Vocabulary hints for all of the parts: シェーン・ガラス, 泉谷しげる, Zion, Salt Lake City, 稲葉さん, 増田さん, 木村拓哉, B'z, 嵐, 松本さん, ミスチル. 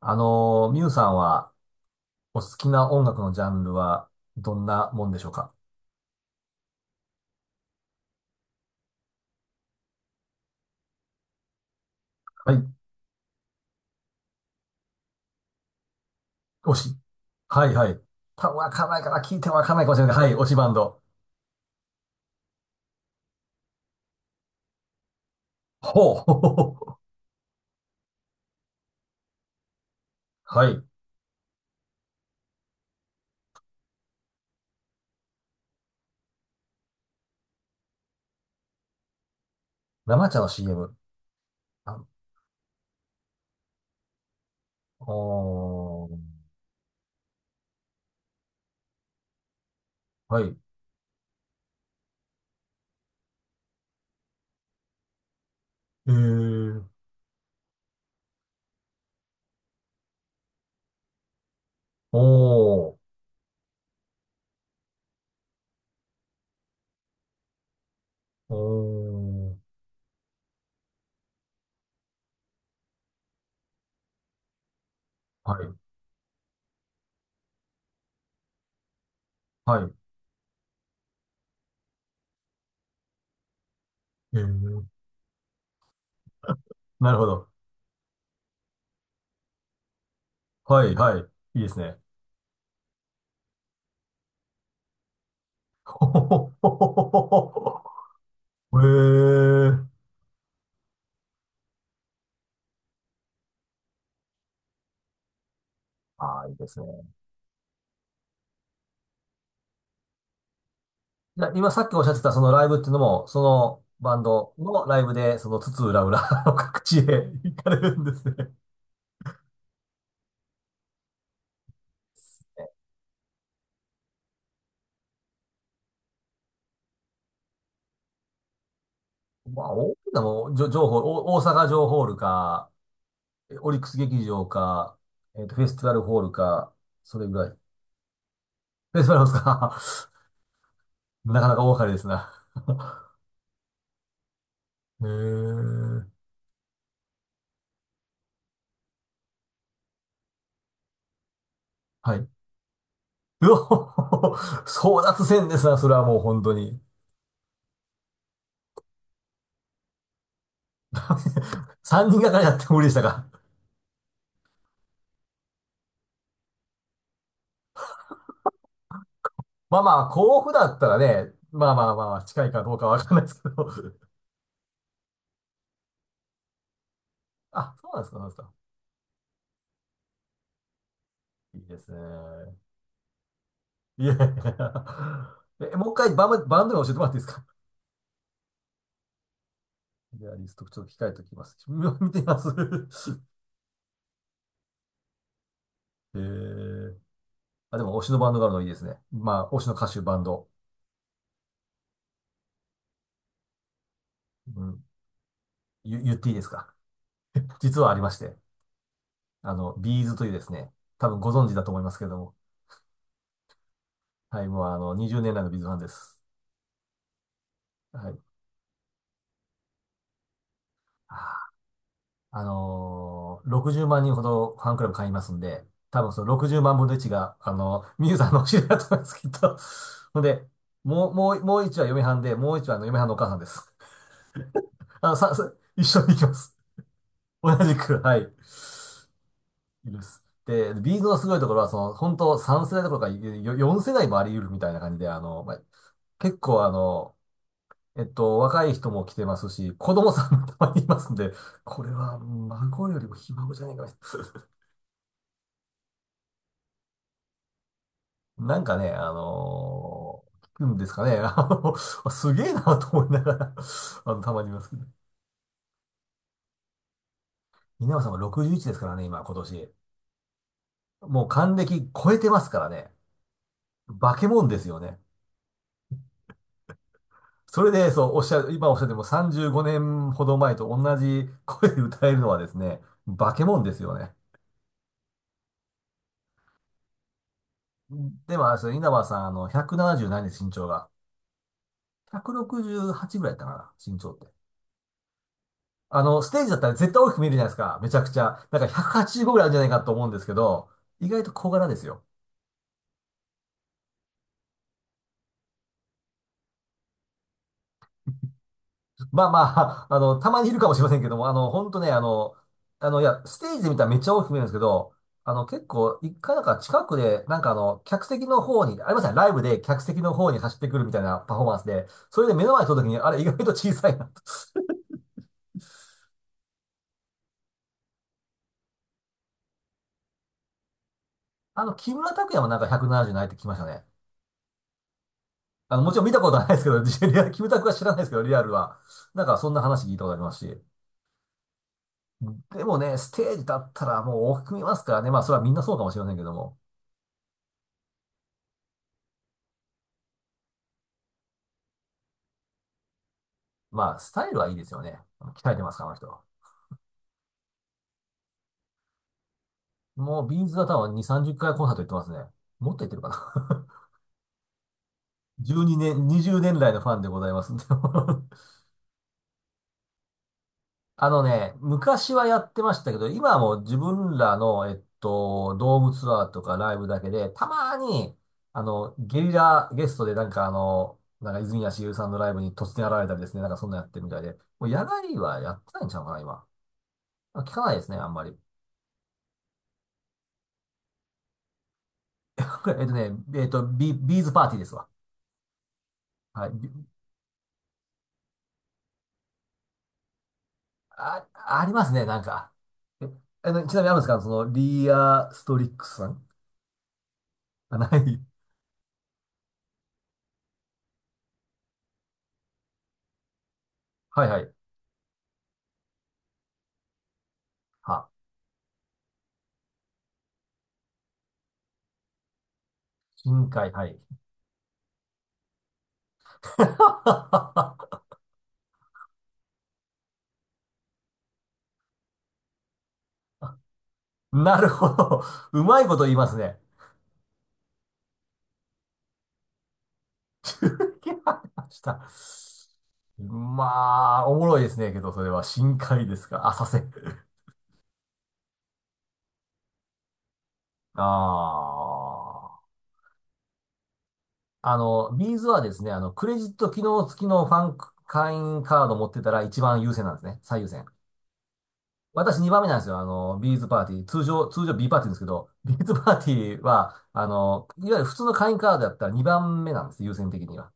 ミュウさんは、お好きな音楽のジャンルは、どんなもんでしょうか？はい、推し。はい、はい。わかんないかな、聞いてもわかんないかもしれないけど。はい、推しバンド。ほう。ほうほうほう。はい。生茶の CM。あ、おー。はい。えー。おー。おー。はい。はい。えー。なるほど。はい、はい。いいですね。ほほほほほほほ。えー。ああ、いいですね。いや、今さっきおっしゃってたそのライブっていうのも、そのバンドのライブで、その津々浦々の、 各地へ行かれるんですね。まあ、大きなもんじょ情報、お大阪城ホールか、オリックス劇場か、フェスティバルホールか、それぐらい。フェスティバルホールですか？ なかなか大掛かりですな。へえ。はい。うお、 争奪戦ですな、それはもう本当に。3人がかりやっても無理でしたか？まあまあ、甲府だったらね、まあまあまあ、近いかどうかわかんないですけど。あ、そうなんですか、そうなんですか。いいですね。いやいやいや。え、もう一回バンド名教えてもらっていいですか？ギタリスト、ちょっと控えておきます。見てみます。えー、あ、でも推しのバンドがあるのいいですね。まあ、推しの歌手、バンド。うん、言っていいですか？ 実はありまして、あの、ビーズというですね、多分ご存知だと思いますけれども、はい、もうあの、20年来のビーズファンです。はい。あ60万人ほどファンクラブ会員いますんで、多分その60万分の1が、あのミユさんのお知り合いだと思います、きっと。ほんで、もう1は嫁はんで、もう1はあの嫁はんのお母さんです。あの、一緒に行きます。同じく、はい。いるです。で、ビーズのすごいところは、その、本当3世代どころかよ4世代もあり得るみたいな感じで、あの、まあ、結構あの、若い人も来てますし、子供さんもたまにいますんで、これは孫よりもひ孫じゃないかな。なんかね、聞くんですかね。あの、あすげえなと思いながら、 あの、たまにいますけど。稲葉さんは61ですからね、今、今年。もう還暦超えてますからね。化け物ですよね。それで、そう、おっしゃる、今おっしゃっても35年ほど前と同じ声で歌えるのはですね、化け物ですよね。でも、あれですよ稲葉さん、あの、170何です、身長が。168ぐらいだったかな、身長って。あの、ステージだったら絶対大きく見えるじゃないですか。めちゃくちゃ。なんか185ぐらいあるんじゃないかと思うんですけど、意外と小柄ですよ。まあまあ、あの、たまにいるかもしれませんけども、あの、ほんとね、いや、ステージで見たらめっちゃ大きく見えるんですけど、あの、結構、一回なんか近くで、なんかあの、客席の方に、ありましたね、ライブで客席の方に走ってくるみたいなパフォーマンスで、それで目の前に撮るときに、あれ意外と小さいなと。あの、木村拓哉もなんか170ななじゅうないって聞きましたね。あの、もちろん見たことはないですけど、リアル木村拓哉は知らないですけど、リアルは。なんかそんな話聞いたことありますし。でもね、ステージ立ったらもう大きく見えますからね。まあ、それはみんなそうかもしれませんけども。まあ、スタイルはいいですよね。鍛えてますから、あの人。もう、ビーズは多分2、30回コンサート行ってますね。もっと行ってるかな。12年、20年来のファンでございますんで。あのね、昔はやってましたけど、今はもう自分らの、ドームツアーとかライブだけで、たまに、あの、ゲリラゲストでなんかあの、なんか泉谷しげるさんのライブに突然現れたりですね、なんかそんなやってるみたいで、もう野外はやってないんちゃうかな、今。あ、聞かないですね、あんまり。えっとね、えっと、ビーズパーティーですわ。はい。あ、ありますね、なんか。え、あの、ちなみにあるんですかその、リアストリックスさん？あ、ない。はいはい。は、深海、はい。なるほど。うまいこと言いますね。中継ありました。まあ、おもろいですね、けど、それは深海ですか、浅瀬？ああ。あの、ビーズはですね、あの、クレジット機能付きのファンク会員カード持ってたら一番優先なんですね。最優先。私2番目なんですよ。あの、ビーズパーティー。通常 B パーティーですけど、ビーズパーティーは、あの、いわゆる普通の会員カードだったら2番目なんです。優先的には。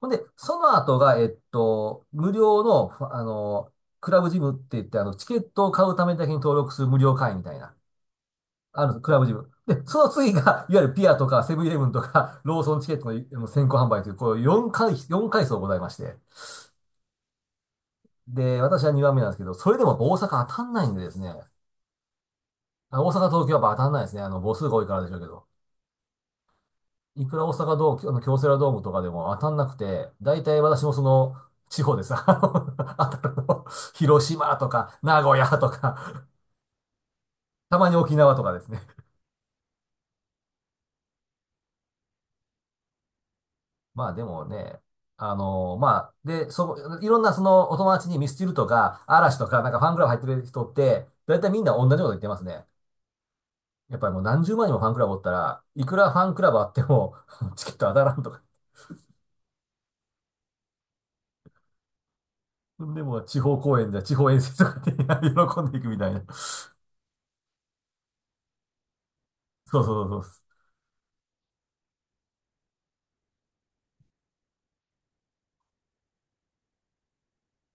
ほんで、その後が、無料の、ふあの、クラブジムって言って、あの、チケットを買うためだけに登録する無料会員みたいな。あるんです、クラブジム。で、その次が、いわゆるピアとか、セブンイレブンとか、ローソンチケットのあの先行販売という、こう4階層ございまして。で、私は2番目なんですけど、それでも大阪当たんないんでですね。大阪、東京はやっぱ当たんないですね。あの、母数が多いからでしょうけど。いくら大阪ドーム、あの京セラドームとかでも当たんなくて、大体私もその、地方です。あの当たるの広島とか、名古屋とか、たまに沖縄とかですね。まあでもね、あのまあ、で、いろんなそのお友達にミスチルとか、嵐とか、なんかファンクラブ入ってる人って、だいたいみんな同じこと言ってますね。やっぱりもう何十万人もファンクラブおったら、いくらファンクラブあっても、チケット当たらんとか。でも、地方公演じゃ地方遠征とかで、 喜んでいくみたいな。そうそうそうそ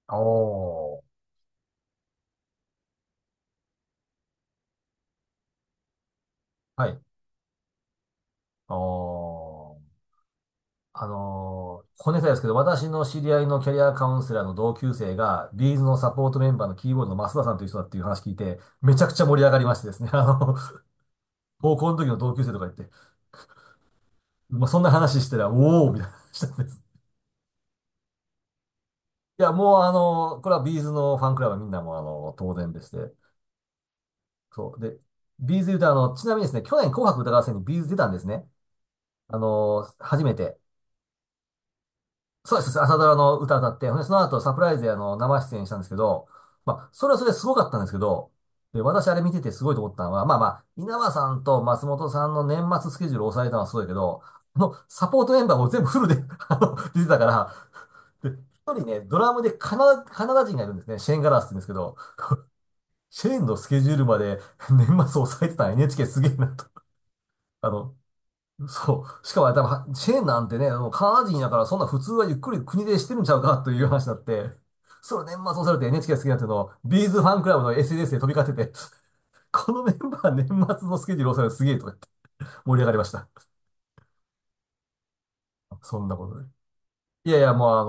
う。おー。はい。おー。小ネタですけど、私の知り合いのキャリアカウンセラーの同級生が、ビーズのサポートメンバーのキーボードの増田さんという人だっていう話聞いて、めちゃくちゃ盛り上がりましてですね、あの、高校の時の同級生とか言って、まあ、そんな話してたら、おーみたいな話したんです。いや、もうこれはビーズのファンクラブはみんなもうあの、当然でして、そう。で、ビーズ言うとあの、ちなみにですね、去年紅白歌合戦にビーズ出たんですね。初めて。そうです。朝ドラの歌歌って、ほんでその後サプライズであの、生出演したんですけど、まあ、それはそれですごかったんですけど、で、私あれ見ててすごいと思ったのは、まあまあ、稲葉さんと松本さんの年末スケジュールを抑えたのはすごいけど、あの、サポートメンバーも全部フルで、 あの、出てたから、で、一人ね、ドラムでカナダ人がいるんですね。シェーン・ガラスって言うんですけど、シェーンのスケジュールまで年末抑えてた NHK すげえなと。あの、そう。しかもあれ多分チェーンなんてね、もうカナダ人やからそんな普通はゆっくり国でしてるんちゃうかという話になって、それ年末をされて NHK が好きになっていうのを、ビーズファンクラブの SNS で飛び交ってて、このメンバー年末のスケジュールをされるすげえとか言って盛り上がりました。そんなことで。いやいや、もうあ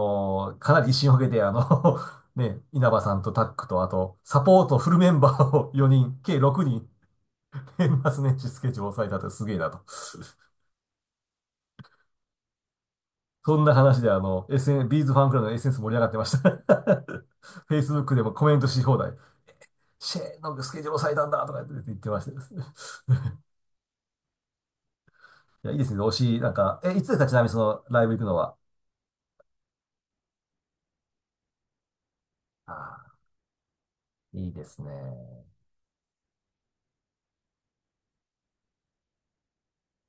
の、かなり威信をかけて、あの、 ね、稲葉さんとタックと、あと、サポートフルメンバーを4人、計6人、年末年始スケジュールを抑えたってすげえなと。そんな話であの、ビーズファンクラブの SNS 盛り上がってました。Facebook でもコメントし放題。シェーンのスケジュール押さえたんだとか言ってましたですね。いや、いいですね。推し、なんか、え、いつですかちなみにそのライブ行くのは？ああ、いいですね。